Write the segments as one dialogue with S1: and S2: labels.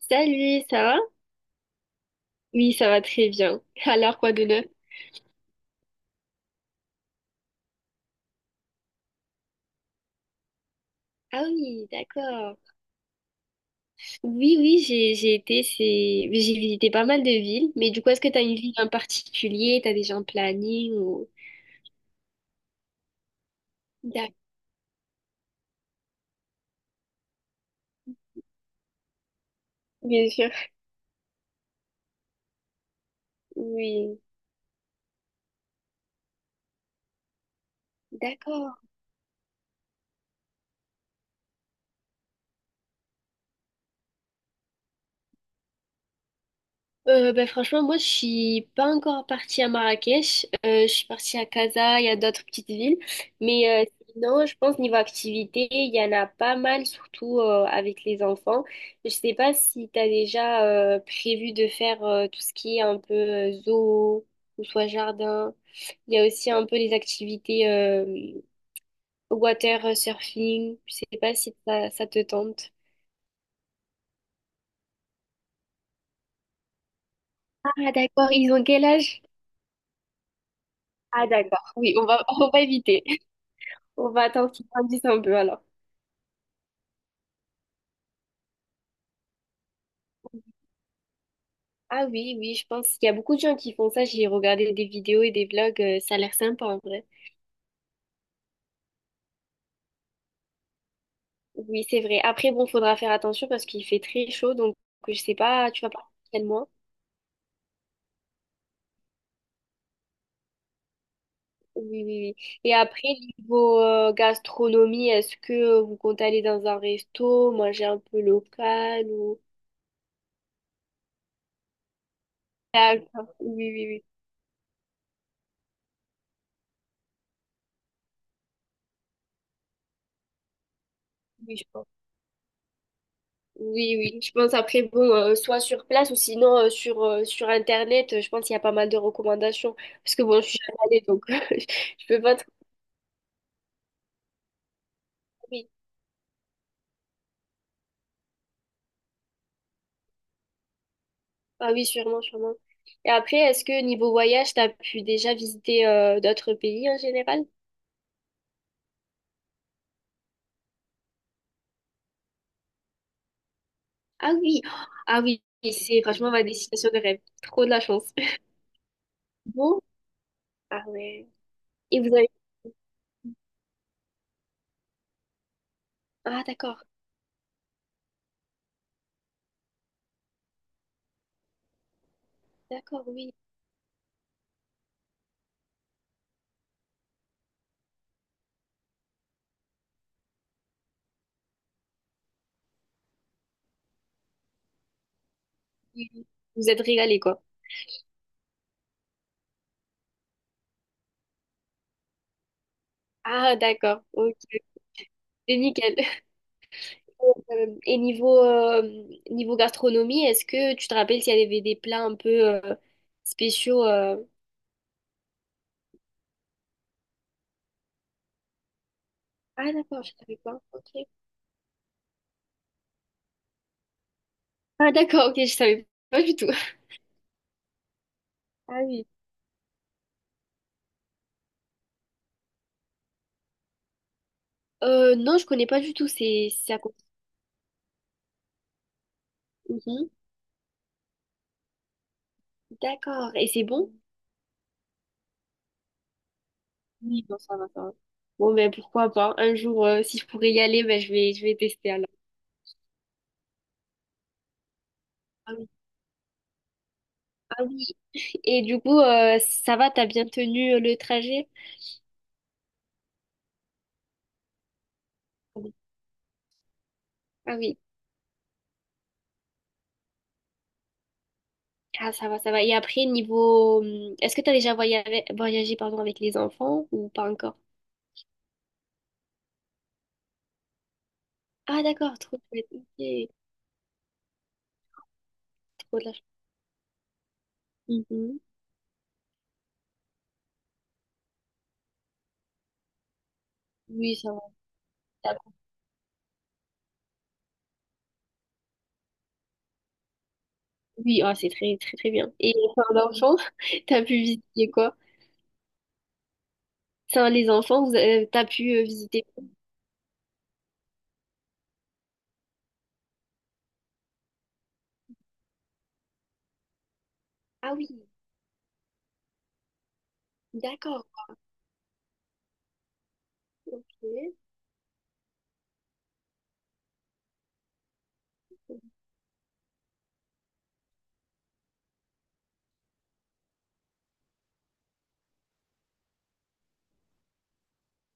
S1: Salut, ça va? Oui, ça va très bien. Alors, quoi de neuf? Ah oui, d'accord. Oui, oui, j'ai été, c'est j'ai visité pas mal de villes, mais du coup, est-ce que t'as une ville en particulier? T'as déjà un planning ou... D'accord. Bien sûr. Oui, d'accord. Ben franchement, moi, je suis pas encore partie à Marrakech. Je suis partie à Casa, il y a d'autres petites villes. Mais euh, Sinon, je pense niveau activité, il y en a pas mal, surtout avec les enfants. Je sais pas si tu as déjà prévu de faire tout ce qui est un peu zoo ou soit jardin. Il y a aussi un peu les activités water surfing. Je sais pas si ça, ça te tente. Ah d'accord, ils ont quel âge? Ah d'accord, oui, on va, on va éviter. On va attendre qu'ils grandissent un peu alors. Ah oui, oui, je pense qu'il y a beaucoup de gens qui font ça. J'ai regardé des vidéos et des vlogs, ça a l'air sympa en vrai. Oui, c'est vrai. Après, bon, faudra faire attention parce qu'il fait très chaud, donc je sais pas, tu vas pas quel mois. Oui, oui, oui. Et après, niveau gastronomie, est-ce que vous comptez aller dans un resto, manger un peu local ou... D'accord. Oui, oui, oui. Oui, je pense. Oui, oui, je pense après, bon, soit sur place ou sinon sur, sur Internet, je pense qu'il y a pas mal de recommandations. Parce que bon, je suis jamais allée, donc je peux pas trop... Oui. Ah oui, sûrement, sûrement. Et après, est-ce que niveau voyage, t'as pu déjà visiter d'autres pays en général? Ah oui, ah oui, c'est franchement ma destination de rêve. Trop de la chance. Bon, ah ouais. Et vous avez... Ah d'accord, d'accord, oui. oui, oui. Vous êtes régalés, quoi. Ah d'accord, ok. C'est nickel. Et niveau gastronomie, est-ce que tu te rappelles s'il y avait des plats un peu euh, spéciaux Ah d'accord, je savais pas. Ok. Ah d'accord, ok, je savais pas du tout. Ah oui. Non, je connais pas du tout. C'est à côté. Mhm. D'accord. Et c'est bon? Oui, bon, ça va, ça va. Bon, ben pourquoi pas. Un jour, si je pourrais y aller, ben, je vais tester alors. Ah oui. Ah oui. Et du coup, ça va, t'as bien tenu le trajet? Ah oui. Ah oui. Ah, ça va, ça va. Et après, niveau... Est-ce que t'as déjà voyagé pardon, avec les enfants ou pas encore? Ah, d'accord, trop chouette. Ok, trop de la chance. Mhm. Oui, ça va. D'accord. Oui, ah, c'est très, très, très bien. Et enfin, l'enfant, t'as pu visiter quoi? Enfin, les enfants, t'as pu visiter... Ah oui, d'accord. Ok.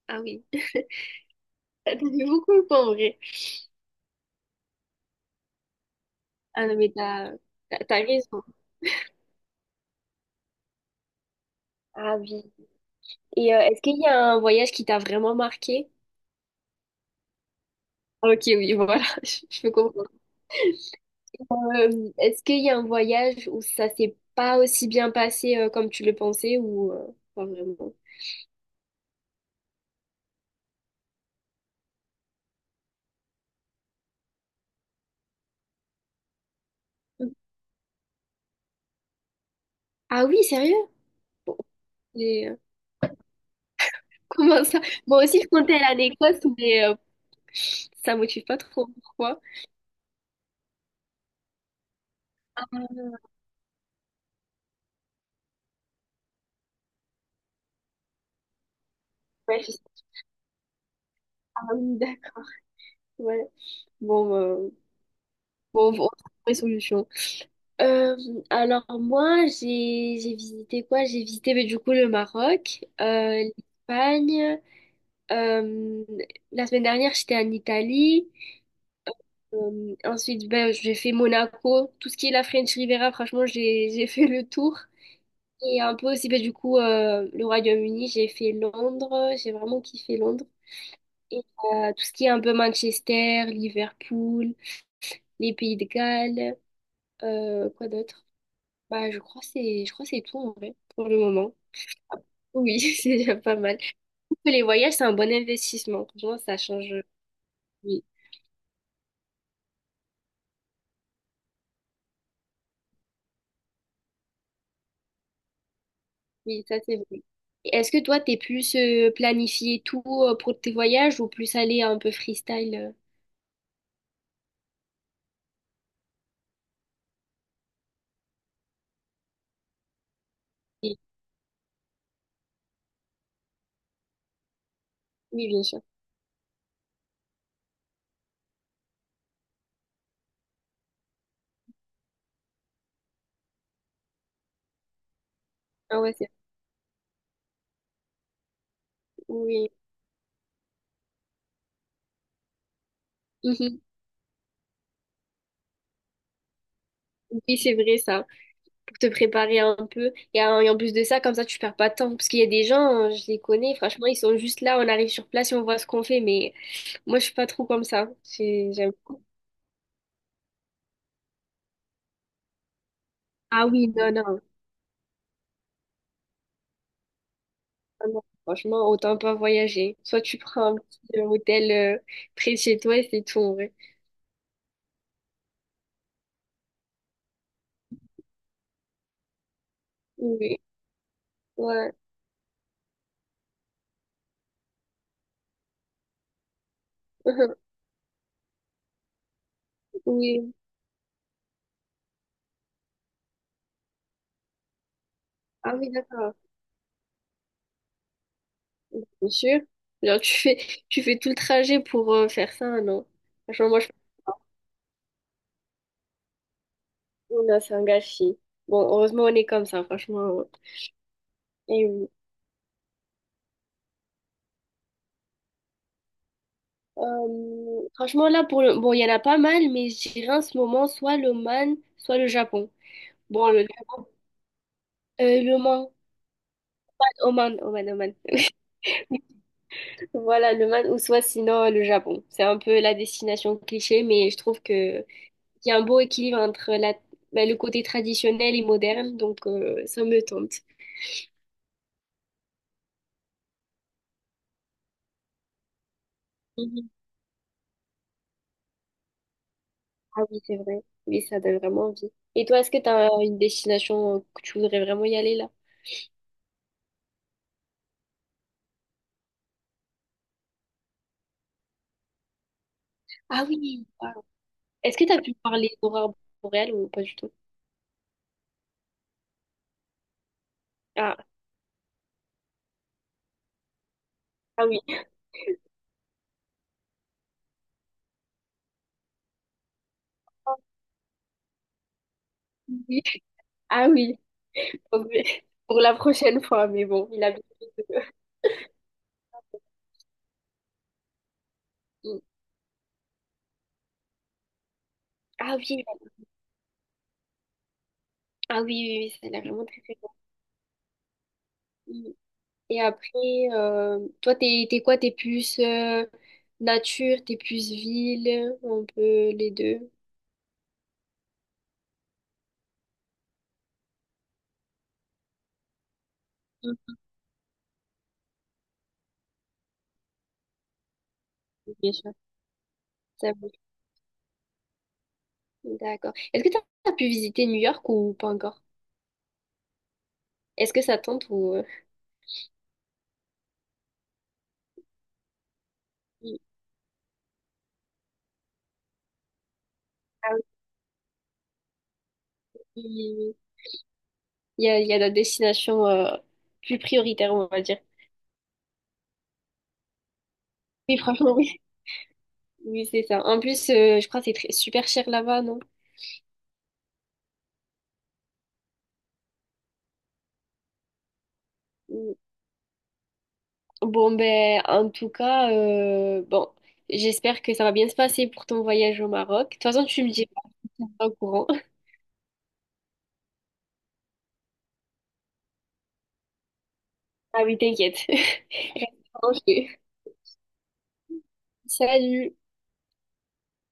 S1: Ah oui. T'as donné beaucoup de temps, en vrai. Ah non, mais t'as raison. Ah oui. Et est-ce qu'il y a un voyage qui t'a vraiment marqué? Ah, Ok, oui, voilà. Je peux comprendre. Est-ce qu'il y a un voyage où ça s'est pas aussi bien passé comme tu le pensais ou pas vraiment? Ah oui, sérieux? Bon, mais, comment ça? Moi aussi, je comptais aller à l'Écosse, mais ça me motive pas trop. Pourquoi? Ouais, je sais. Pas. Ah oui, d'accord. Ouais. Bon, bon, on va trouver solution. Euh, alors moi, j'ai visité quoi? J'ai visité mais du coup le Maroc, l'Espagne. Euh, la semaine dernière, j'étais en Italie. Ensuite, ben, j'ai fait Monaco. Tout ce qui est la French Riviera, franchement, j'ai fait le tour. Et un peu aussi, ben, du coup, le Royaume-Uni, j'ai fait Londres. J'ai vraiment kiffé Londres. Et tout ce qui est un peu Manchester, Liverpool, les Pays de Galles, quoi d'autre? Bah, je crois que c'est tout en vrai pour le moment. Oui, c'est déjà pas mal. Les voyages, c'est un bon investissement. Franchement, ça change. Oui. Oui, ça c'est vrai. Et Est-ce que toi, t'es plus planifié tout pour tes voyages ou plus aller un peu freestyle? Oui, oui, bien sûr. Ah ouais, c'est oui. Mhm. Oui, c'est vrai ça, pour te préparer un peu. Et en plus de ça, comme ça, tu perds pas de temps. Parce qu'il y a des gens, je les connais, franchement, ils sont juste là, on arrive sur place et on voit ce qu'on fait. Mais moi, je suis pas trop comme ça. J'ai- J'aime. Ah oui, non, non. Ah non. Franchement, autant pas voyager. Soit tu prends un petit hôtel euh, près de chez toi et c'est tout, en vrai. Oui. Ouais. Mhm. Oui. Ah oui, d'accord. Bien sûr. Genre, tu fais, tu fais tout le trajet pour faire ça, non? Franchement, moi, je pense que c'est un gâchis. Bon, heureusement, on est comme ça, franchement. Ouais. Et oui. Franchement, là, pour le... Bon, il y en a pas mal, mais je dirais en ce moment, soit l'Oman, soit le Japon. Bon, le Man, Oman, Oman, Oman. Voilà, le Man, ou soit sinon le Japon. C'est un peu la destination cliché, mais je trouve que Il y a un beau équilibre entre la, ben, le côté traditionnel et moderne, donc ça me tente. Mhm. Ah oui, c'est vrai. Oui, ça donne vraiment envie. Et toi, est-ce que tu as une destination que tu voudrais vraiment y aller là? Ah oui, wow. Est-ce que tu as pu parler d'aurore boréale ou pas du tout? Ah, ah oui. Oui. Ah oui, Ok. Pour la prochaine fois, mais bon, il a bien fait de- Mm. Ah oui, ah oui, oui, oui, ça a l'air vraiment très très bon. Et après, toi, t'es quoi? T'es plus nature, t'es plus ville, un peu les deux. Mm. Bien sûr. Ça bouge. D'accord. Est-ce que t'as as pu visiter New York ou pas encore? Est-ce que ça tente ou... il- Ah oui, il y a la destination plus prioritaire, on va dire. Oui, franchement, oui. Oui, c'est ça. En plus, je crois que c'est très- super cher là-bas, non? Mm. Bon, ben, en tout cas, bon, j'espère que ça va bien se passer pour ton voyage au Maroc. De toute façon, tu me dis pas au courant. Ah oui, t'inquiète. Reste tranquille. Salut.